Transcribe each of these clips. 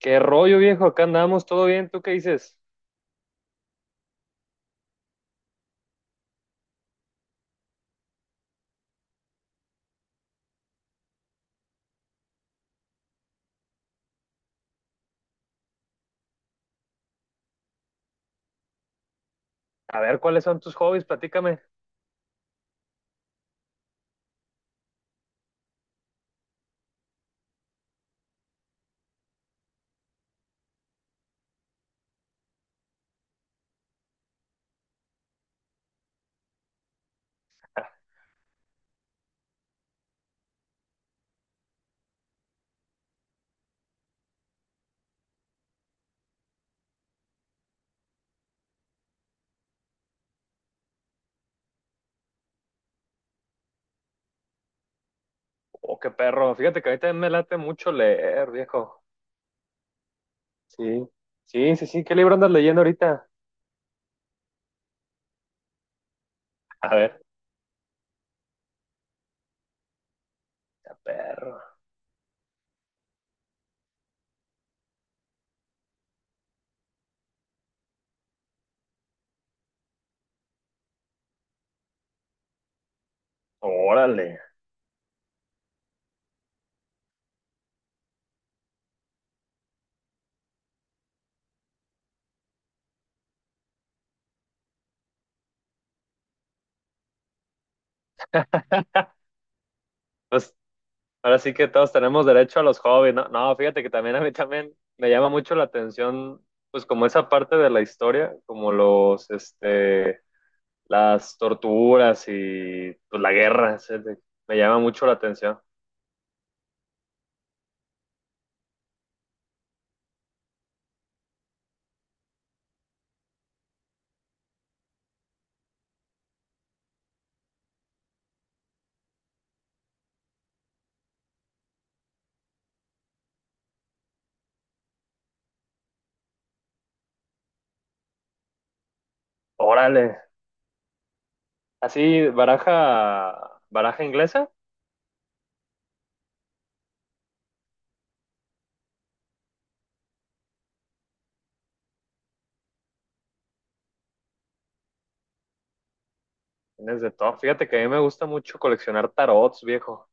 ¿Qué rollo, viejo? Acá andamos, ¿todo bien? ¿Tú qué dices? A ver, ¿cuáles son tus hobbies? Platícame. Oh, qué perro. Fíjate que ahorita me late mucho leer, viejo. Sí, sí, sí, sí. ¿Qué libro andas leyendo ahorita? A ver, qué perro. Órale. Pues ahora sí que todos tenemos derecho a los hobbies, ¿no? No, fíjate que también a mí también me llama mucho la atención, pues como esa parte de la historia, como las torturas y pues, la guerra. ¿Sí? Me llama mucho la atención. Órale. Así, baraja inglesa, tienes de todo. Fíjate que a mí me gusta mucho coleccionar tarots, viejo.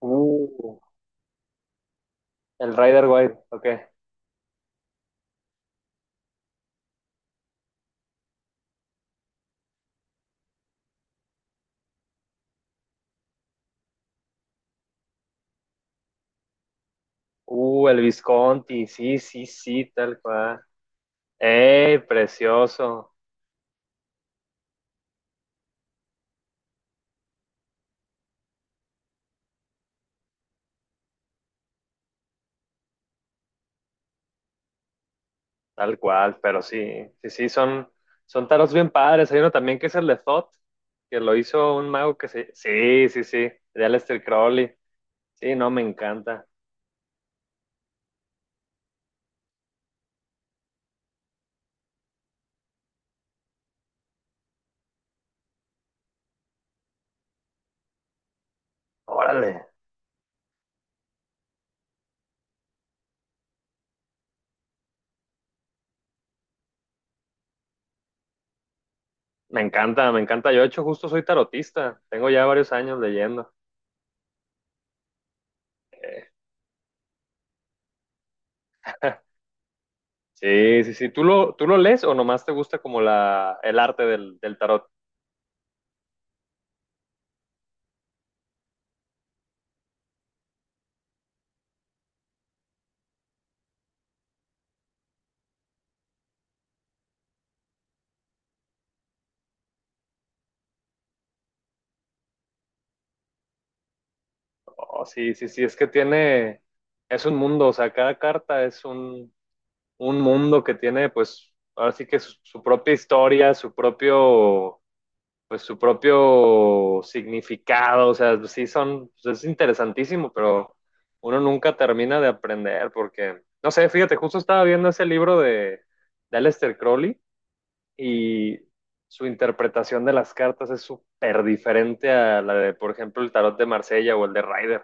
Uh, el Rider Waite, ok. El Visconti, sí, sí, sí, tal cual. ¡Ey, precioso! Tal cual, pero sí, sí, sí, son, son tarots bien padres. Hay uno también que es el de Thoth, que lo hizo un mago que se... Sí, sí, sí, de Aleister Crowley. Sí, no, me encanta. Órale. Me encanta, me encanta. Yo, de hecho, justo soy tarotista. Tengo ya varios años leyendo. Eh, sí, sí, sí. Tú lo lees o nomás te gusta como el arte del tarot? Oh, sí, sí, sí. Es que tiene, es un mundo. O sea, cada carta es un mundo que tiene, pues, ahora sí que su propia historia, su propio, pues su propio significado, o sea, sí son, pues, es interesantísimo, pero uno nunca termina de aprender porque, no sé, fíjate, justo estaba viendo ese libro de Aleister Crowley y su interpretación de las cartas es súper diferente a la de, por ejemplo, el tarot de Marsella o el de Rider.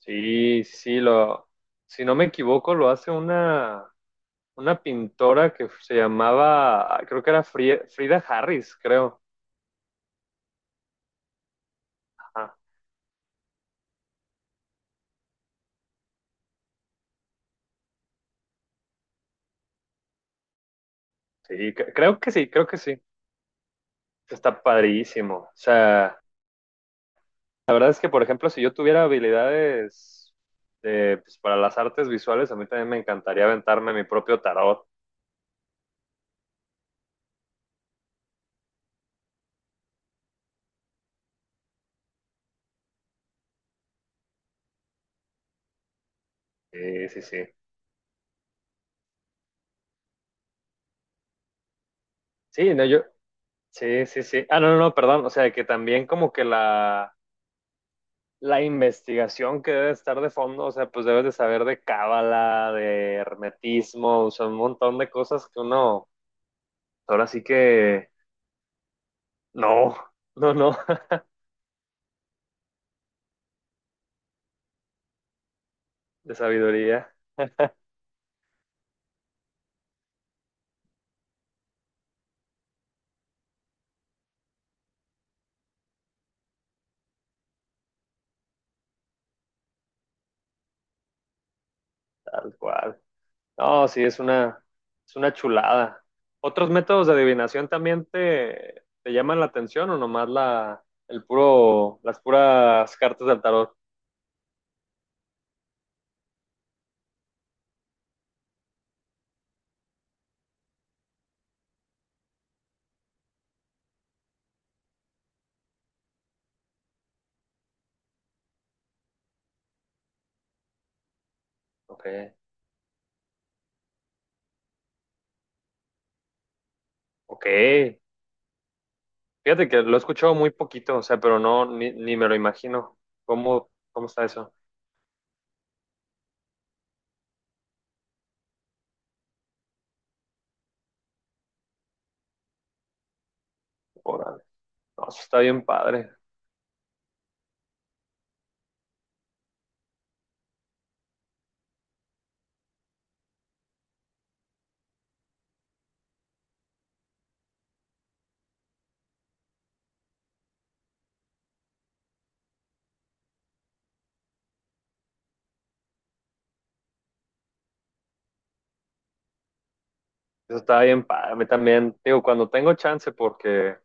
Sí, sí, lo, si no me equivoco, lo hace una pintora que se llamaba, creo que era Frida Harris, creo. Ajá. Creo que sí, creo que sí. Está padrísimo. O sea, la verdad es que, por ejemplo, si yo tuviera habilidades de, pues, para las artes visuales, a mí también me encantaría aventarme mi propio tarot. Sí, sí, sí. Sí, no, yo. Sí, sí, sí. Ah, no, no, no, perdón. O sea, que también como que la investigación que debe estar de fondo, o sea, pues debes de saber de cábala, de hermetismo, o sea, un montón de cosas que uno, ahora sí que no, no, no, de sabiduría, tal cual. No, sí, es una chulada. ¿Otros métodos de adivinación también te llaman la atención o nomás el puro, las puras cartas del tarot? Ok, ok. Fíjate que lo he escuchado muy poquito, o sea, pero no, ni, ni me lo imagino. ¿Cómo, cómo está eso? Órale. No, eso está bien padre. Eso estaba bien padre. A mí también, digo, cuando tengo chance, porque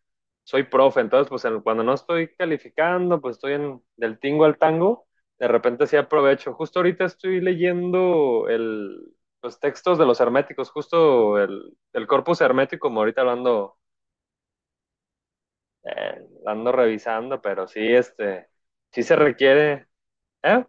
soy profe, entonces, pues cuando no estoy calificando, pues estoy en, del tingo al tango, de repente sí aprovecho. Justo ahorita estoy leyendo los textos de los herméticos, justo el corpus hermético, como ahorita lo ando revisando, pero sí, este, sí se requiere, ¿eh?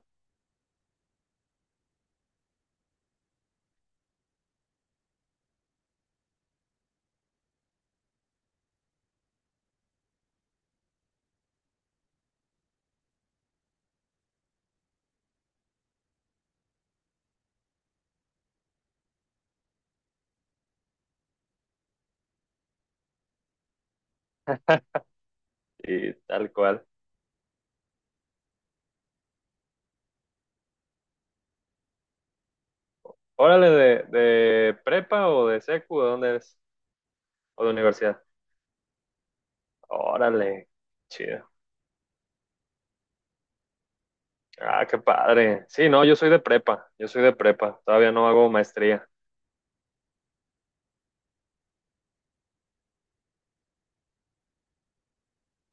Y tal cual. Órale, de prepa o de secu, ¿de dónde es? ¿O de universidad? Órale, chido. Ah, qué padre. Sí, no, yo soy de prepa, yo soy de prepa, todavía no hago maestría.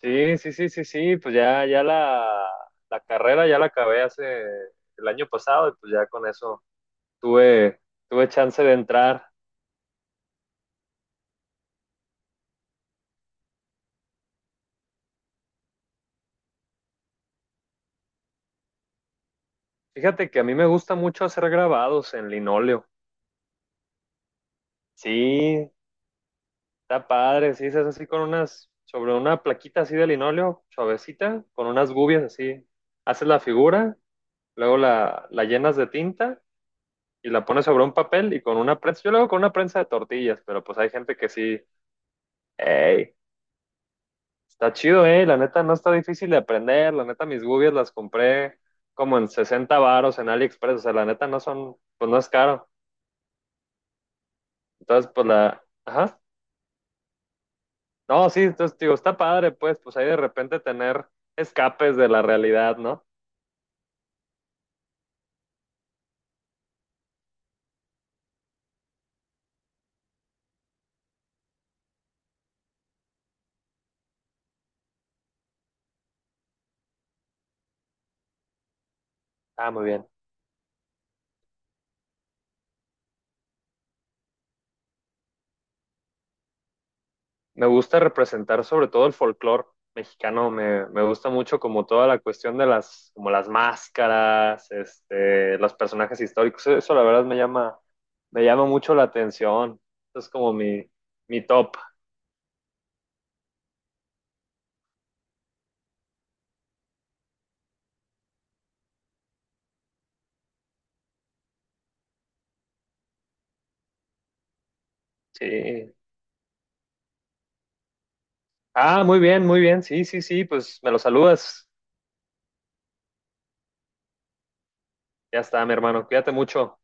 Sí, sí, sí, sí, sí, pues ya, la carrera ya la acabé hace el año pasado y pues ya con eso tuve, tuve chance de entrar. Fíjate que a mí me gusta mucho hacer grabados en linóleo. Sí, está padre, sí, se hace así con unas, sobre una plaquita así de linóleo, suavecita, con unas gubias así. Haces la figura, luego la llenas de tinta y la pones sobre un papel y con una prensa, yo lo hago con una prensa de tortillas, pero pues hay gente que sí, hey, está chido, la neta no está difícil de aprender, la neta mis gubias las compré como en 60 varos en AliExpress, o sea, la neta no son, pues no es caro, entonces pues la, ajá, no, sí, entonces digo, está padre, pues, pues ahí de repente tener escapes de la realidad, ¿no? Ah, muy bien. Me gusta representar sobre todo el folclore mexicano, me gusta mucho como toda la cuestión de las, como las máscaras, este, los personajes históricos, eso la verdad me llama mucho la atención, eso es como mi top, sí. Ah, muy bien, sí, sí, sí, pues me lo saludas, ya está, mi hermano, cuídate mucho.